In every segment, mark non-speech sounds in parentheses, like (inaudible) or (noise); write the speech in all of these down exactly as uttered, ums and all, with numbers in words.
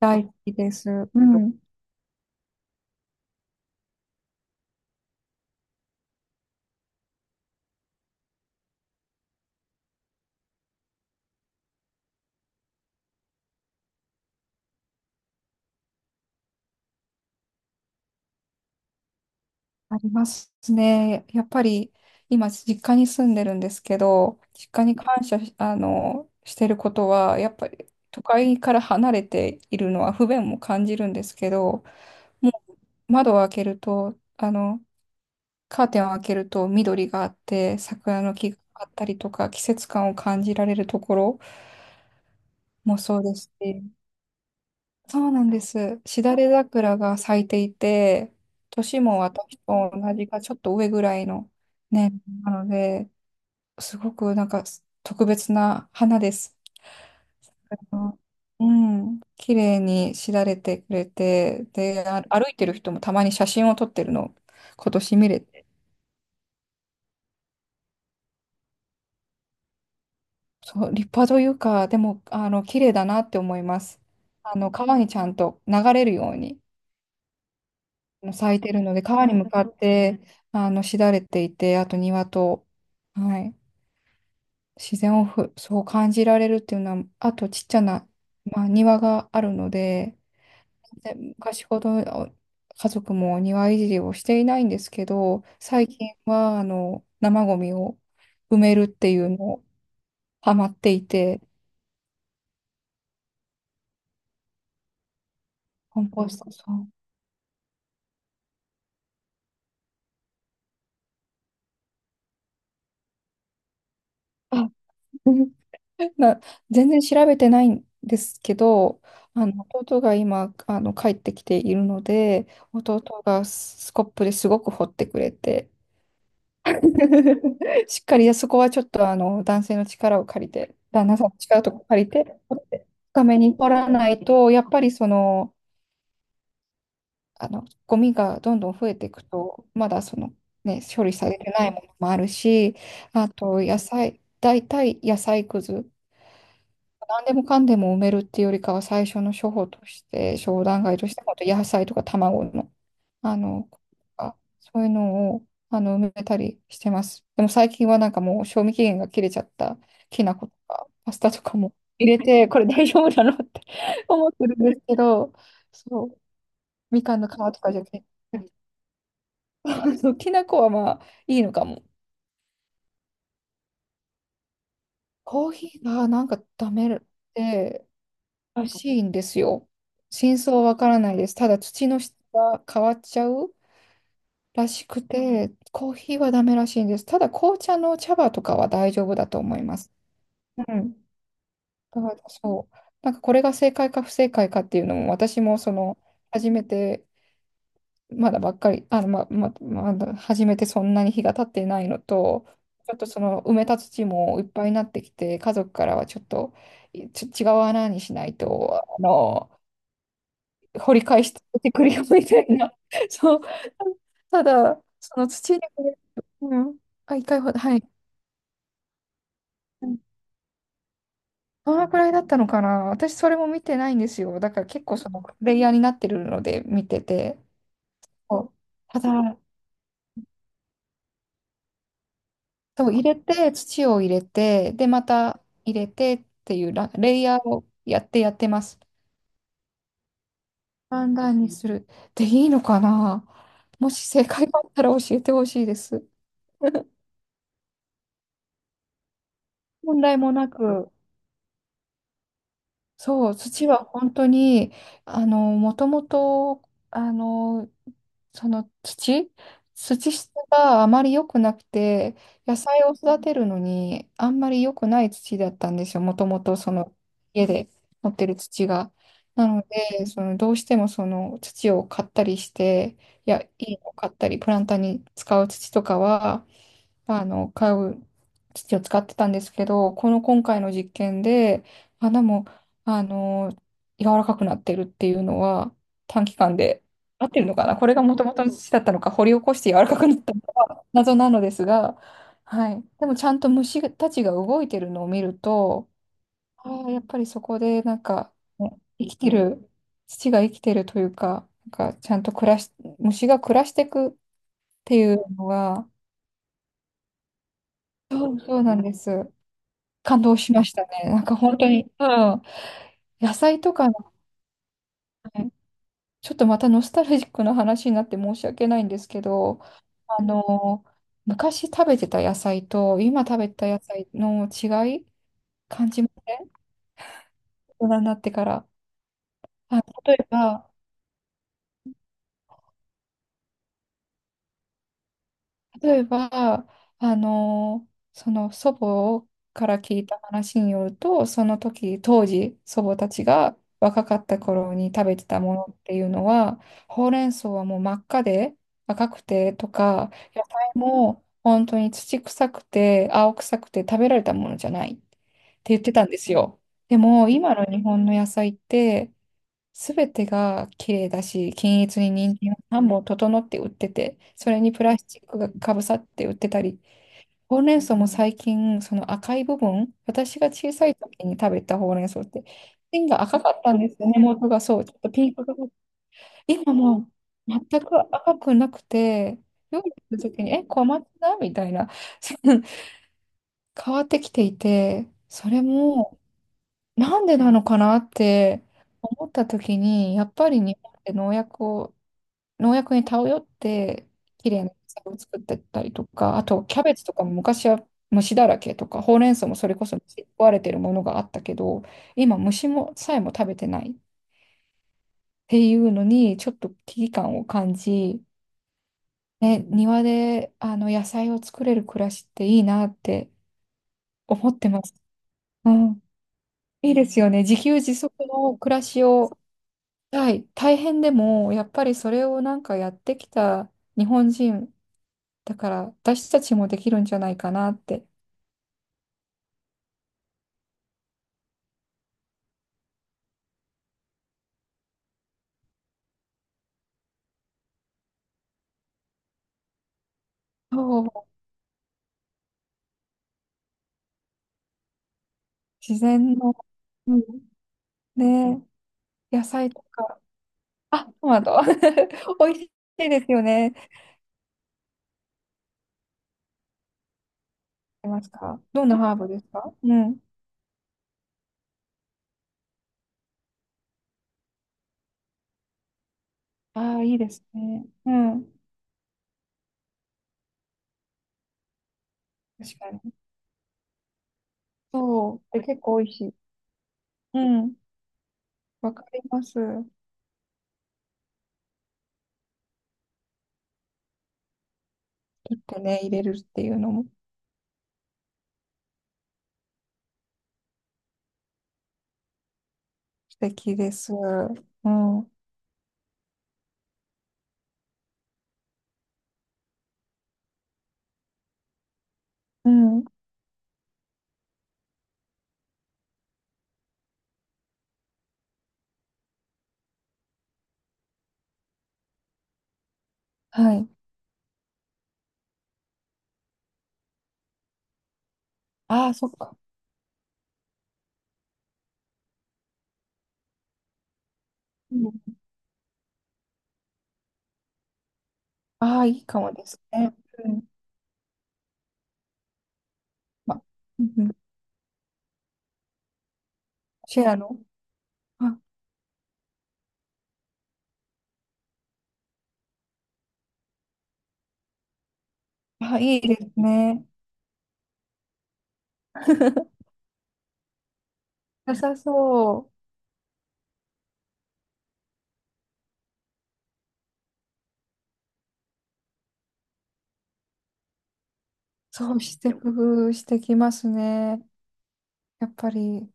大好きです。うん、ありますね。やっぱり今、実家に住んでるんですけど、実家に感謝し、あの、してることは、やっぱり都会から離れているのは不便も感じるんですけど、もう窓を開けると、あの、カーテンを開けると緑があって、桜の木があったりとか、季節感を感じられるところもそうですし、そうなんです。しだれ桜が咲いていて、年も私と同じかちょっと上ぐらいの年なので、すごくなんか特別な花です。うん、綺麗にしだれてくれて、で、あ歩いてる人もたまに写真を撮ってるのを今年見れて、そう、立派というか、でも、あの、綺麗だなって思います。あの、川にちゃんと流れるように。もう咲いてるので、川に向かって、あの、しだれていて、あと庭と、はい、自然をふ、そう感じられるっていうのは、あとちっちゃな、まあ、庭があるので、で昔ほどお家族も庭いじりをしていないんですけど、最近は、あの、生ゴミを埋めるっていうのをハマっていて、コンポスト、そう。あ (laughs) (laughs) な、全然調べてないんですけど、あの弟が今あの帰ってきているので、弟がスコップですごく掘ってくれて、(laughs) しっかりそこはちょっとあの男性の力を借りて、旦那さんの力とか借りて、掘って深めに掘らないと、やっぱりその、あのゴミがどんどん増えていくと、まだその、ね、処理されてないものもあるし、あと野菜、大体野菜くず。何でもかんでも埋めるっていうよりかは最初の処方として商談会として本当野菜とか卵の、あのあそういうのをあの埋めたりしてます。でも最近はなんかもう賞味期限が切れちゃったきな粉とかパスタとかも入れてこれ大丈夫なのって (laughs) 思ってるんですけど、そうみかんの皮とかじゃなくて (laughs) そうきな粉はまあいいのかも。コーヒーがなんかダメでらしいんですよ。真相はわからないです。ただ土の質が変わっちゃうらしくて、コーヒーはダメらしいんです。ただ紅茶の茶葉とかは大丈夫だと思います。うん。だからそう。なんかこれが正解か不正解かっていうのも、私もその、初めて、まだばっかり、あの、ま、ま、まだ初めてそんなに日が経ってないのと、ちょっとその埋めた土もいっぱいになってきて、家族からはちょっと、いちょ違う穴にしないと、あの、掘り返しててくるよみたいな。(laughs) そう。ただ、その土に触れる、うん。あ、一回ほど、はい。うん、どのくらいだったのかな、私それも見てないんですよ。だから結構そのプレイヤーになってるので見てて。そうただ、そう、入れて、土を入れて、で、また入れてっていうラ、レイヤーをやってやってます。判断にする。で、いいのかな、もし正解があったら教えてほしいです。問題もなく。そう、土は本当に、あの、もともと、あの、その土、土質があまり良くなくて、野菜を育てるのにあんまり良くない土だったんですよ、もともとその家で持ってる土が。なので、そのどうしてもその土を買ったりして、いや、いいのを買ったり、プランターに使う土とかは、あの、買う土を使ってたんですけど、この今回の実験で、花も、あの、柔らかくなってるっていうのは、短期間で、合ってるのかな、これがもともとの土だったのか、掘り起こして柔らかくなったのか、謎なのですが、はい。でもちゃんと虫たちが動いてるのを見ると、ああ、やっぱりそこでなんか、ね、生きてる、土が生きてるというか、なんかちゃんと暮らし、虫が暮らしていくっていうのが、そうそうなんです。感動しましたね。なんか本当に、うん。野菜とかのね、ちょっとまたノスタルジックな話になって申し訳ないんですけど、あの、昔食べてた野菜と今食べてた野菜の違い、感じます、大人になってから。あ、例えば、例えば、あのその祖母から聞いた話によると、その時、当時、祖母たちが若かった頃に食べてたものっていうのは、ほうれん草はもう真っ赤で赤くてとか、野菜も本当に土臭くて青臭くて食べられたものじゃないって言ってたんですよ。でも、今の日本の野菜って、すべてが綺麗だし、均一に人参をさんぼん整って売ってて、それにプラスチックがかぶさって売ってたり、ほうれん草も最近、その赤い部分、私が小さい時に食べたほうれん草って、芯が赤かったんですよね、根元がそう、ちょっとピンクがかった。今もう全く赤くなくて、料理する時に、え、小松菜みたいな、(laughs) 変わってきていて、それもなんでなのかなって思った時に、やっぱり日本って農薬を農薬に頼って綺麗な野菜を作ってたりとか、あとキャベツとかも昔は虫だらけとか、ほうれん草もそれこそ虫に食われてるものがあったけど、今虫もさえも食べてないっていうのにちょっと危機感を感じ、ね、庭であの野菜を作れる暮らしっていいなって思ってます。うん、いいですよね。自給自足の暮らしを、はい、大変でもやっぱりそれをなんかやってきた日本人だから私たちもできるんじゃないかなって。そう。自然のうん。ね、野菜とか、あ、トマト。(laughs) 美味しいですよね。いますか、どんなハーブですか、うん。ああ、いいですね。うん。確かに。そう。で、結構美味しい。うん。わかります。切ってね、入れるっていうのも素敵です。うん。うん。はい。ああ、そっか。うん。ああ、いいかもですね。うん。ま、うんうん、シェアの。ああ、いいですね。(laughs) 良さそう。そうして工夫してきますね。やっぱり。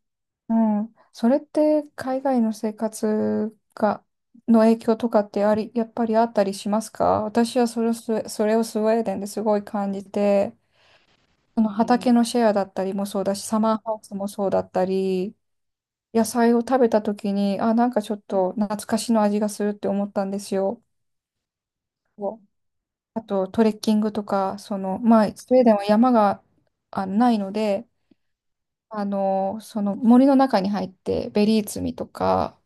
うん。それって海外の生活が、の影響とかってあり、やっぱりあったりしますか、私はそれをスウェ、それをスウェーデンですごい感じて、その畑のシェアだったりもそうだし、サマーハウスもそうだったり、野菜を食べた時に、あ、なんかちょっと懐かしの味がするって思ったんですよ。あとトレッキングとか、その、まあ、スウェーデンは山があないので、あの、その森の中に入ってベリー摘みとか、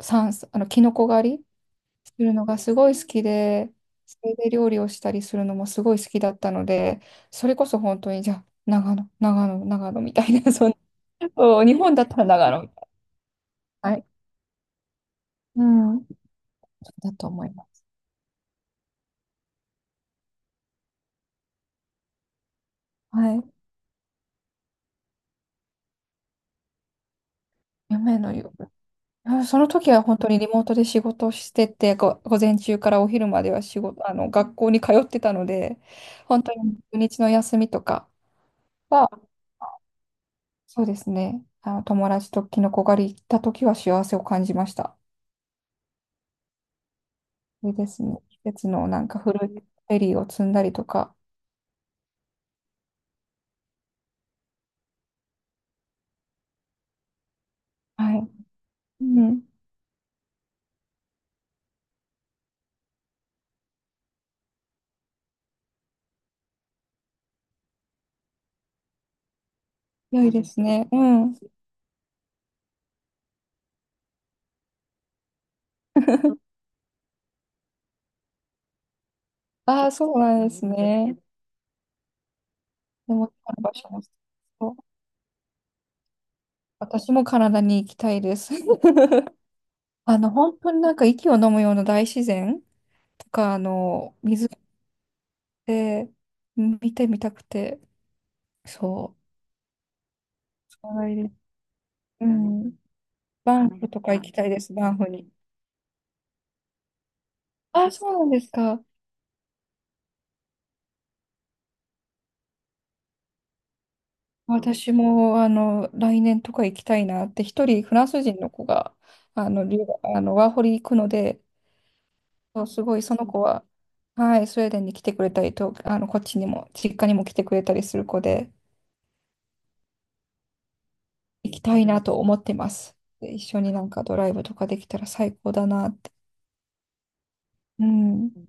山あの、キノコ狩りするのがすごい好きで、それで料理をしたりするのもすごい好きだったので、それこそ本当に、じゃあ、長野、長野、長野みたいな、(laughs) その、そう日本だったら長野みたいな。はい。うん。そうだと思います。はい。夢のよ、あその時は本当にリモートで仕事をしてて、ご午前中からお昼までは仕事、あの、学校に通ってたので、本当に土日の休みとかは、そうですね、あの、友達とキノコ狩り行った時は幸せを感じました。でですね、季節のなんか古いフェリーを積んだりとか、はい。うん、良いですね。うん。ああ、そうなんですね。でも、今の場所もそう、私もカナダに行きたいです。(laughs) あの、本当になんか息を飲むような大自然とか、あの、水って見てみたくて、そう。そうなんです、うん。バンフとか行きたいです、バンフに。あ、そうなんですか。私も、あの、来年とか行きたいなって、一人フランス人の子が、あの、留学あの、ワーホリ行くので、そうすごいその子は、はい、スウェーデンに来てくれたりと、あの、こっちにも、実家にも来てくれたりする子で、行きたいなと思ってます。で一緒になんかドライブとかできたら最高だなって。うん。